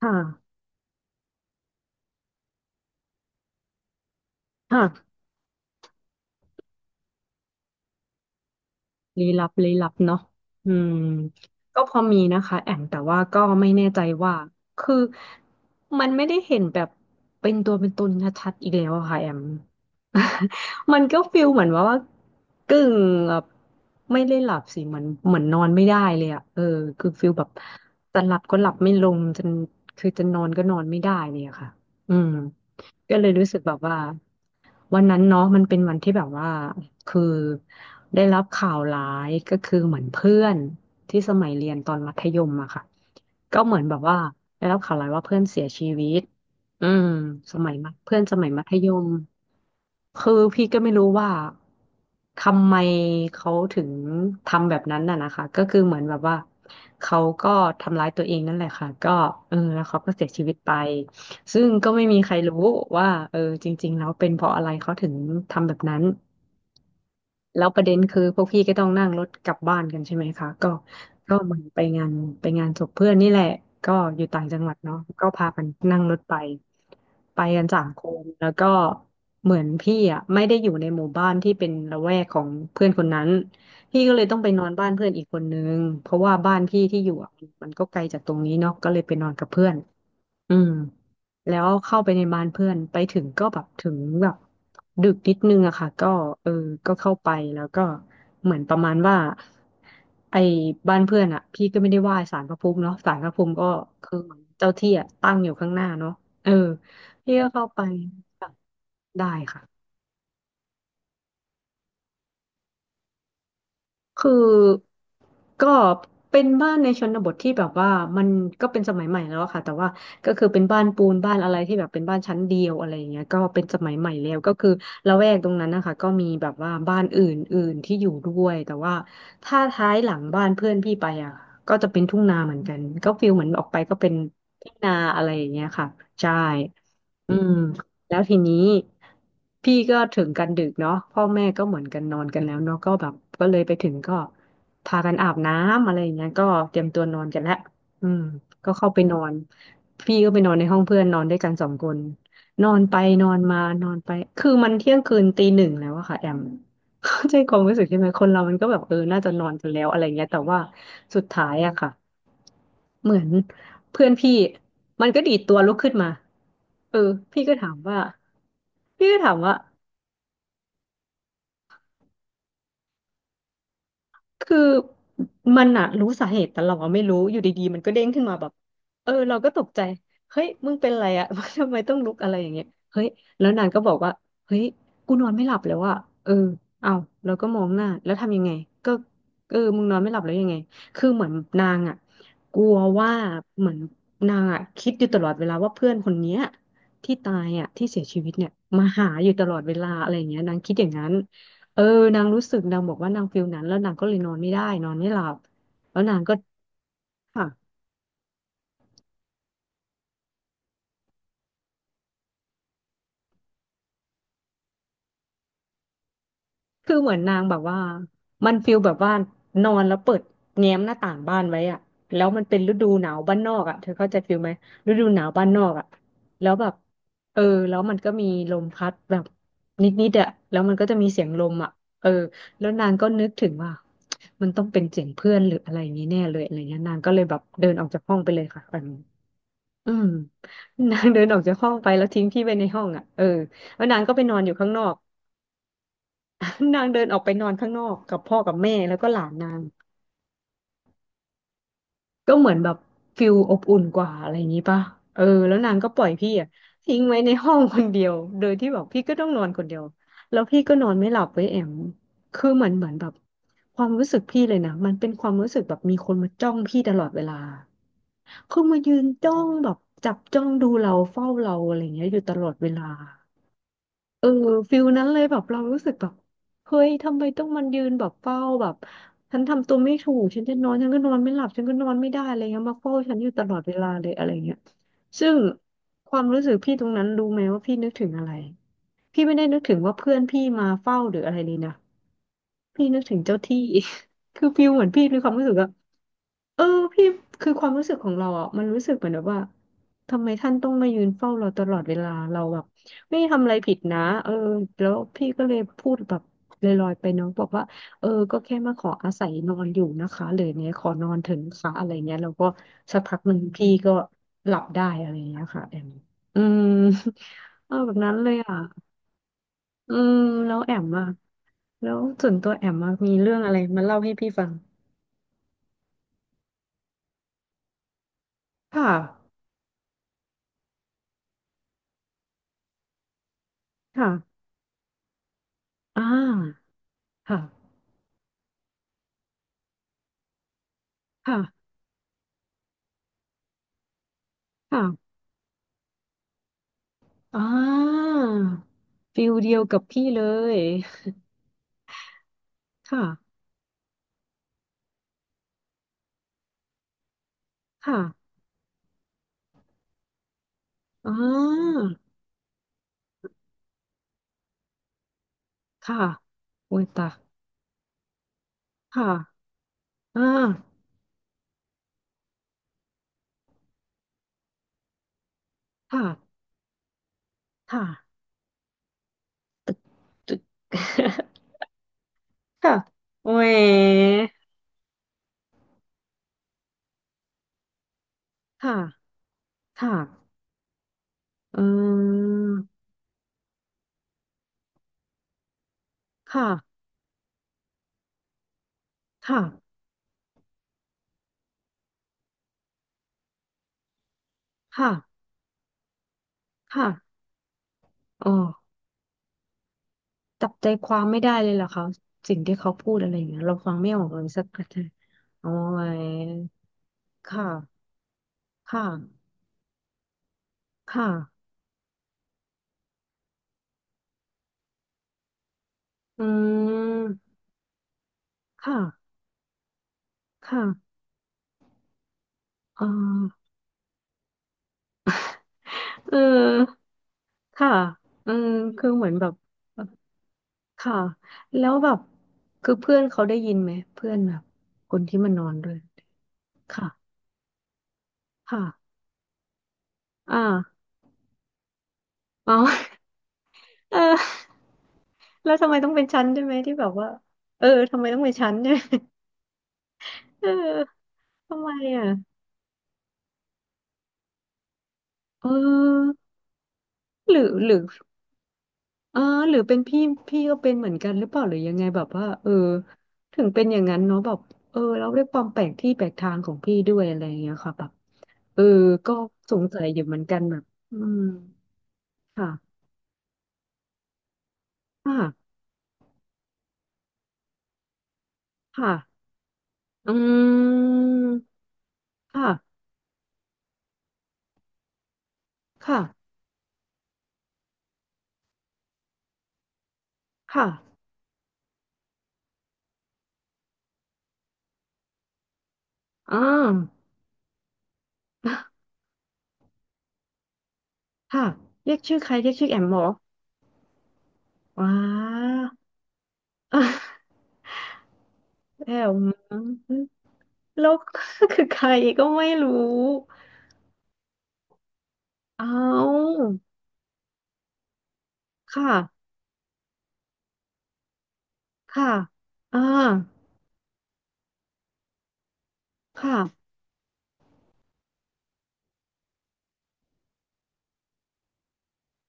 ค่ะค่ะลี้ลับลี้ลับเนาะอืมก็พอมีนะคะแอมแต่ว่าก็ไม่แน่ใจว่าคือมันไม่ได้เห็นแบบเป็นตัวเป็นตนชัดๆอีกแล้วอะค่ะแอม มันก็ฟิลเหมือนว่ากึ่งแบบไม่ได้หลับสิเหมือนนอนไม่ได้เลยอะเออคือฟิลแบบจะหลับก็หลับไม่ลงจนคือจะนอนก็นอนไม่ได้เลยอะค่ะอืมก็เลยรู้สึกแบบว่าวันนั้นเนาะมันเป็นวันที่แบบว่า คือได้รับข่าวร้ายก็คือเหมือนเพื่อนที่สมัยเรียนตอนมัธยมอะค่ะก็เหมือนแบบว่าได้รับข่าวร้ายว่าเพื่อนเสียชีวิตอืมสมัยมัธเพื่อนสมัยมัธยมคือพี่ก็ไม่รู้ว่าทำไมเขาถึงทำแบบนั้นน่ะนะคะก็คือเหมือนแบบว่าเขาก็ทำร้ายตัวเองนั่นแหละค่ะก็เออแล้วเขาก็เสียชีวิตไปซึ่งก็ไม่มีใครรู้ว่าเออจริงๆแล้วเป็นเพราะอะไรเขาถึงทำแบบนั้น แล้วประเด็นคือพวกพี่ก็ต้องนั่งรถกลับบ้านกันใช่ไหมคะก็ก็เหมือนไปงานไปงานศพเพื่อนนี่แหละก็อยู่ต่างจังหวัดเนาะก็พากันนั่งรถไปไปกันสามคนแล้วก็เหมือนพี่อ่ะไม่ได้อยู่ในหมู่บ้านที่เป็นละแวกของเพื่อนคนนั้นพี่ก็เลยต้องไปนอนบ้านเพื่อนอีกคนนึงเพราะว่าบ้านพี่ที่อยู่อะมันก็ไกลจากตรงนี้เนาะก็เลยไปนอนกับเพื่อน อืมแล้วเข้าไปในบ้านเพื่อนไปถึงก็แบบถึงแบบดึกนิดนึงอะค่ะก็เออก็เข้าไปแล้วก็เหมือนประมาณว่าไอ้บ้านเพื่อนอะพี่ก็ไม่ได้ไหว้ศาลพระภูมิเนาะศาลพระภูมิก็คือเหมือนเจ้าที่อะตั้งอยู่ข้างหน้าเนาะเออพี่ก็เข้าไปค่ะได้ค่ะ คือก็เป็นบ้านในชนบทที่แบบว่ามันก็เป็นสมัยใหม่แล้วอะค่ะแต่ว่าก็คือเป็นบ้านปูนบ้านอะไรที่แบบเป็นบ้านชั้นเดียวอะไรอย่างเงี้ยก็เป็นสมัยใหม่แล้วก็คือละแวกตรงนั้นนะคะก็มีแบบว่าบ้านอื่นๆที่อยู่ด้วยแต่ว่าถ้าท้ายหลังบ้านเพื่อนพี่ไปอ่ะก็จะเป็นทุ่งนาเหมือนกันก็ฟีลเหมือนออกไปก็เป็นทุ่งนาอะไรอย่างเงี้ยค่ะใช่ อืมแล้วทีนี้พี่ก็ถึงกันดึกเนาะพ่อแม่ก็เหมือนกันนอนกันแล้วเนาะก็แบบก็เลยไปถึงก็พากันอาบน้ำอะไรอย่างเงี้ยก็เตรียมตัวนอนกันแล้วอืมก็เข้าไปนอนพี่ก็ไปนอนในห้องเพื่อนนอนด้วยกันสองคนนอนไปนอนมานอนไปคือมันเที่ยงคืนตีหนึ่งแล้วอะค่ะแอม เข้าใจความรู้สึกใช่ไหมคนเรามันก็แบบเออน่าจะนอนกันแล้วอะไรเงี้ยแต่ว่าสุดท้ายอะค่ะ เหมือนเพื่อนพี่มันก็ดีดตัวลุกขึ้นมาเออพี่ก็ถามว่าพี่ก็ถามว่า คือมันอะรู้สาเหตุแต่เราอะไม่รู้อยู่ดีๆมันก็เด้งขึ้นมาแบบเออเราก็ตกใจเฮ้ยมึงเป็นอะไรอะ ทำไมต้องลุกอะไรอย่างเงี้ยเฮ้ยแล้วนางก็บอกว่าเฮ้ยกูนอนไม่หลับแล้วอะเออเอาเราก็มองหน้าแล้วทำยังไงก็เออมึงนอนไม่หลับแล้วยังไงคือเหมือนนางอะกลัวว่าเหมือนนางอะคิดอยู่ตลอดเวลาว่าเพื่อนคนเนี้ยที่ตายอะที่เสียชีวิตเนี่ยมาหาอยู่ตลอดเวลาอะไรอย่างเงี้ยนางคิดอย่างนั้น เออนางรู้สึกนางบอกว่านางฟีลนั้นแล้วนางก็เลยนอนไม่ได้นอนไม่หลับแล้วนางก็ค่ะคือเหมือนนางแบบว่ามันฟีลแบบว่านอนแล้วเปิดแง้มหน้าต่างบ้านไว้อะแล้วมันเป็นฤดูหนาวบ้านนอกอะเธอเข้าใจฟีลไหมฤดูหนาวบ้านนอกอะแล้วแบบเออแล้วมันก็มีลมพัดแบบนิดๆอะแล้วมันก็จะมีเสียงลมอะเออแล้วนางก็นึกถึงว่ามันต้องเป็นเสียงเพื่อนหรืออะไรอย่างนี้แน่เลยอะไรเงี้ยนางก็เลยแบบเดินออกจากห้องไปเลยค่ะตอนนี้ อืม นางเดินออกจากห้องไปแล้วทิ้งพี่ไปในห้องอ่ะเออแล้วนางก็ไปนอนอยู่ข้างนอก นางเดินออกไปนอนข้างนอกกับพ่อกับแม่แล้วก็หลานนาง ก็เหมือนแบบฟิลอบอุ่นกว่าอะไรอย่างนี้ป่ะเออแล้วนางก็ปล่อยพี่อ่ะทิ้งไว้ในห้องคนเดียวโดยที่แบบพี่ก็ต้องนอนคนเดียวแล้วพี่ก็นอนไม่หลับเว้ยแอมคือเหมือนแบบความรู้สึกพี่เลยนะมันเป็นความรู้สึกแบบมีคนมาจ้องพี่ตลอดเวลาคือมายืนจ้องแบบจับจ้องดูเราเฝ้าเราอะไรอย่างเงี้ยอยู่ตลอดเวลา เออฟิลนั้นเลยแบบเรารู้สึกแบบเฮ้ยทำไมต้องมันยืนแบบเฝ้าแบบฉันทำตัวไม่ถูกฉันจะนอนฉันก็นอนไม่หลับฉันก็นอนไม่ได้อะไรเงี้ยมาเฝ้าฉันอยู่ตลอดเวลาเลยอะไรเงี้ยซึ่งความรู้สึกพี่ตรงนั้นรู้ไหมว่าพี่นึกถึงอะไรพี่ไม่ได้นึกถึงว่าเพื่อนพี่มาเฝ้าหรืออะไรเลยนะ พี่นึกถึงเจ้าที่ คือฟิลเหมือนพี่มีความรู้สึกว่าเออพี่คือความรู้สึกของเราอ่ะมันรู้สึกเหมือนแบบว่าทำไมท่านต้องมายืนเฝ้าเราตลอดเวลาเราแบบไม่ได้ทำอะไรผิดนะเออแล้วพี่ก็เลยพูดแบบลอยๆไปเน้องบอกว่าเออก็แค่มาขออาศัยนอนอยู่นะคะหรือเนี่ยขอนอนเถอะนะคะอะไรเงี้ยแล้วก็สักพักหนึ่งพี่ก็หลับได้อะไรเงี้ยค่ะแอมอืม เออแบบนั้นเลยอ่ะอืมแล้วแอมอ่ะ แล้วส่วนตัวแอมอะมีเรื่องอะไรมาเล่าให้พี่ฟังค่ะค่ะอ่าค่ะค่ะค่ะอ่าฟิลเดียวกับพี่เลยค่ะค่ะอ่าค่ะโอ้ยตายค่ะอ่าค่ะค่ะ ตึก ค่ะโอ้ยค่ะค่ะเืมค่ะค่ะค่ะค่ะอ๋อ จับใจความไม่ได้เลยเหรอเขาสิ่งที่เขาพูดอะไรอย่างเงี้ยเราฟังไม่ออกเลยสักกระทีอ๋อไวค่ะค่ะค่ะอืมค่ะค่ะเออเออค่ะอืมคือเหมือนแบบค่ะแล้วแบบคือเพื่อนเขาได้ยินไหมเพื่อนแบบคนที่มันนอนด้วยค่ะค่ะอ่าเอา เออแล้วทำไมต้องเป็นฉันใช่ไหมที่แบบว่าเออทำไมต้องเป็นฉันเนี่ยเออทำไมอ่ะ เออหรือเออหรือเป็นพี่พี่ก็เป็นเหมือนกันหรือเปล่าหรือยังไงแบบว่าเออถึงเป็นอย่างนั้นเนาะแบบเออเราด้วยความแปลกที่แปลกทางของพี่ด้วยอะไรอย่างเงี้ยค่ะแบบเออก็สงสัยอยู่เหมือนกันแบบอืมค่ะค่ะค่ะอืมค่ะค่ะค่ะอ่า ค่ะเรียกชื่อใครเรียกชื่อแอมเหรอว้า แอมแล้ว คือใครก็ไม่รู้ เอาค่ะค่ะอ่าค่ะ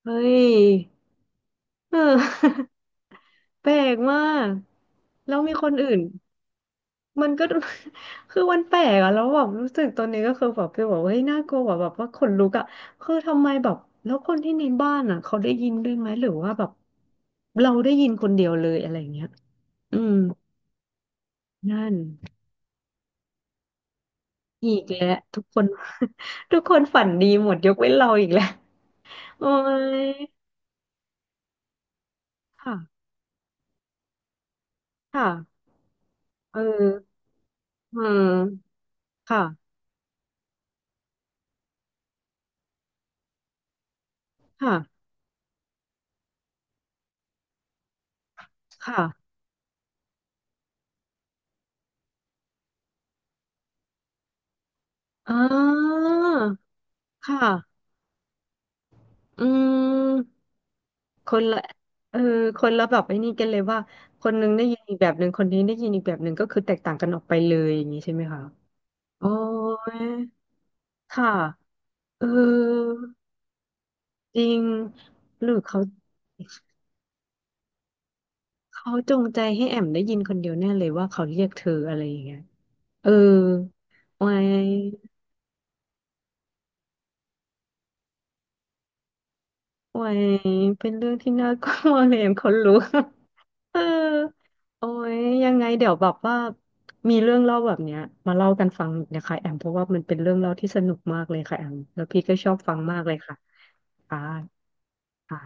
เฮ้ยเออ แปลกมากแล้วมีคนอื่นมันก็ คือมันแปลกอะแล้วแบบรู้สึกตอนนี้ก็คือแบบไปบอกว่าเฮ้ยน่ากลัวแบบว่าขนลุกอะคือทำไมแบบแล้วคนที่ในบ้านอะเขาได้ยินด้วยไหมหรือว่าแบบเราได้ยินคนเดียวเลยอะไรอย่างเงี้ยอืมนั่นอีกแล้วทุกคน ทุกคนฝันดีหมดยกเว้นเราอีกแล้วโอ้ยค่ะค่ะ เอออืมค่ะค่ะค่ะอ่าค่ะอืมคนละเออคนละแบบไอ้นี่กันเลยว่าคนนึงได้ยินอีกแบบหนึ่งคนนี้ได้ยินอีกแบบหนึ่งก็คือแตกต่างกันออกไปเลยอย่างนี้ใช่ไหมคะโอ้ยค่ะเออจริงหรือเขาเขาจงใจให้แอมได้ยินคนเดียวแน่เลยว่าเขาเรียกเธออะไรอย่างเงี้ยเออไว้ไว้เป็นเรื่องที่น่ากลัวเลยแอมคนรู้ เออโอ้ยยังไงเดี๋ยวแบบว่ามีเรื่องเล่าแบบเนี้ยมาเล่ากันฟังอีกนะคะแอมเพราะว่ามันเป็นเรื่องเล่าที่สนุกมากเลยค่ะแอมแล้วพี่ก็ชอบฟังมากเลยค่ะค่ะค่ะ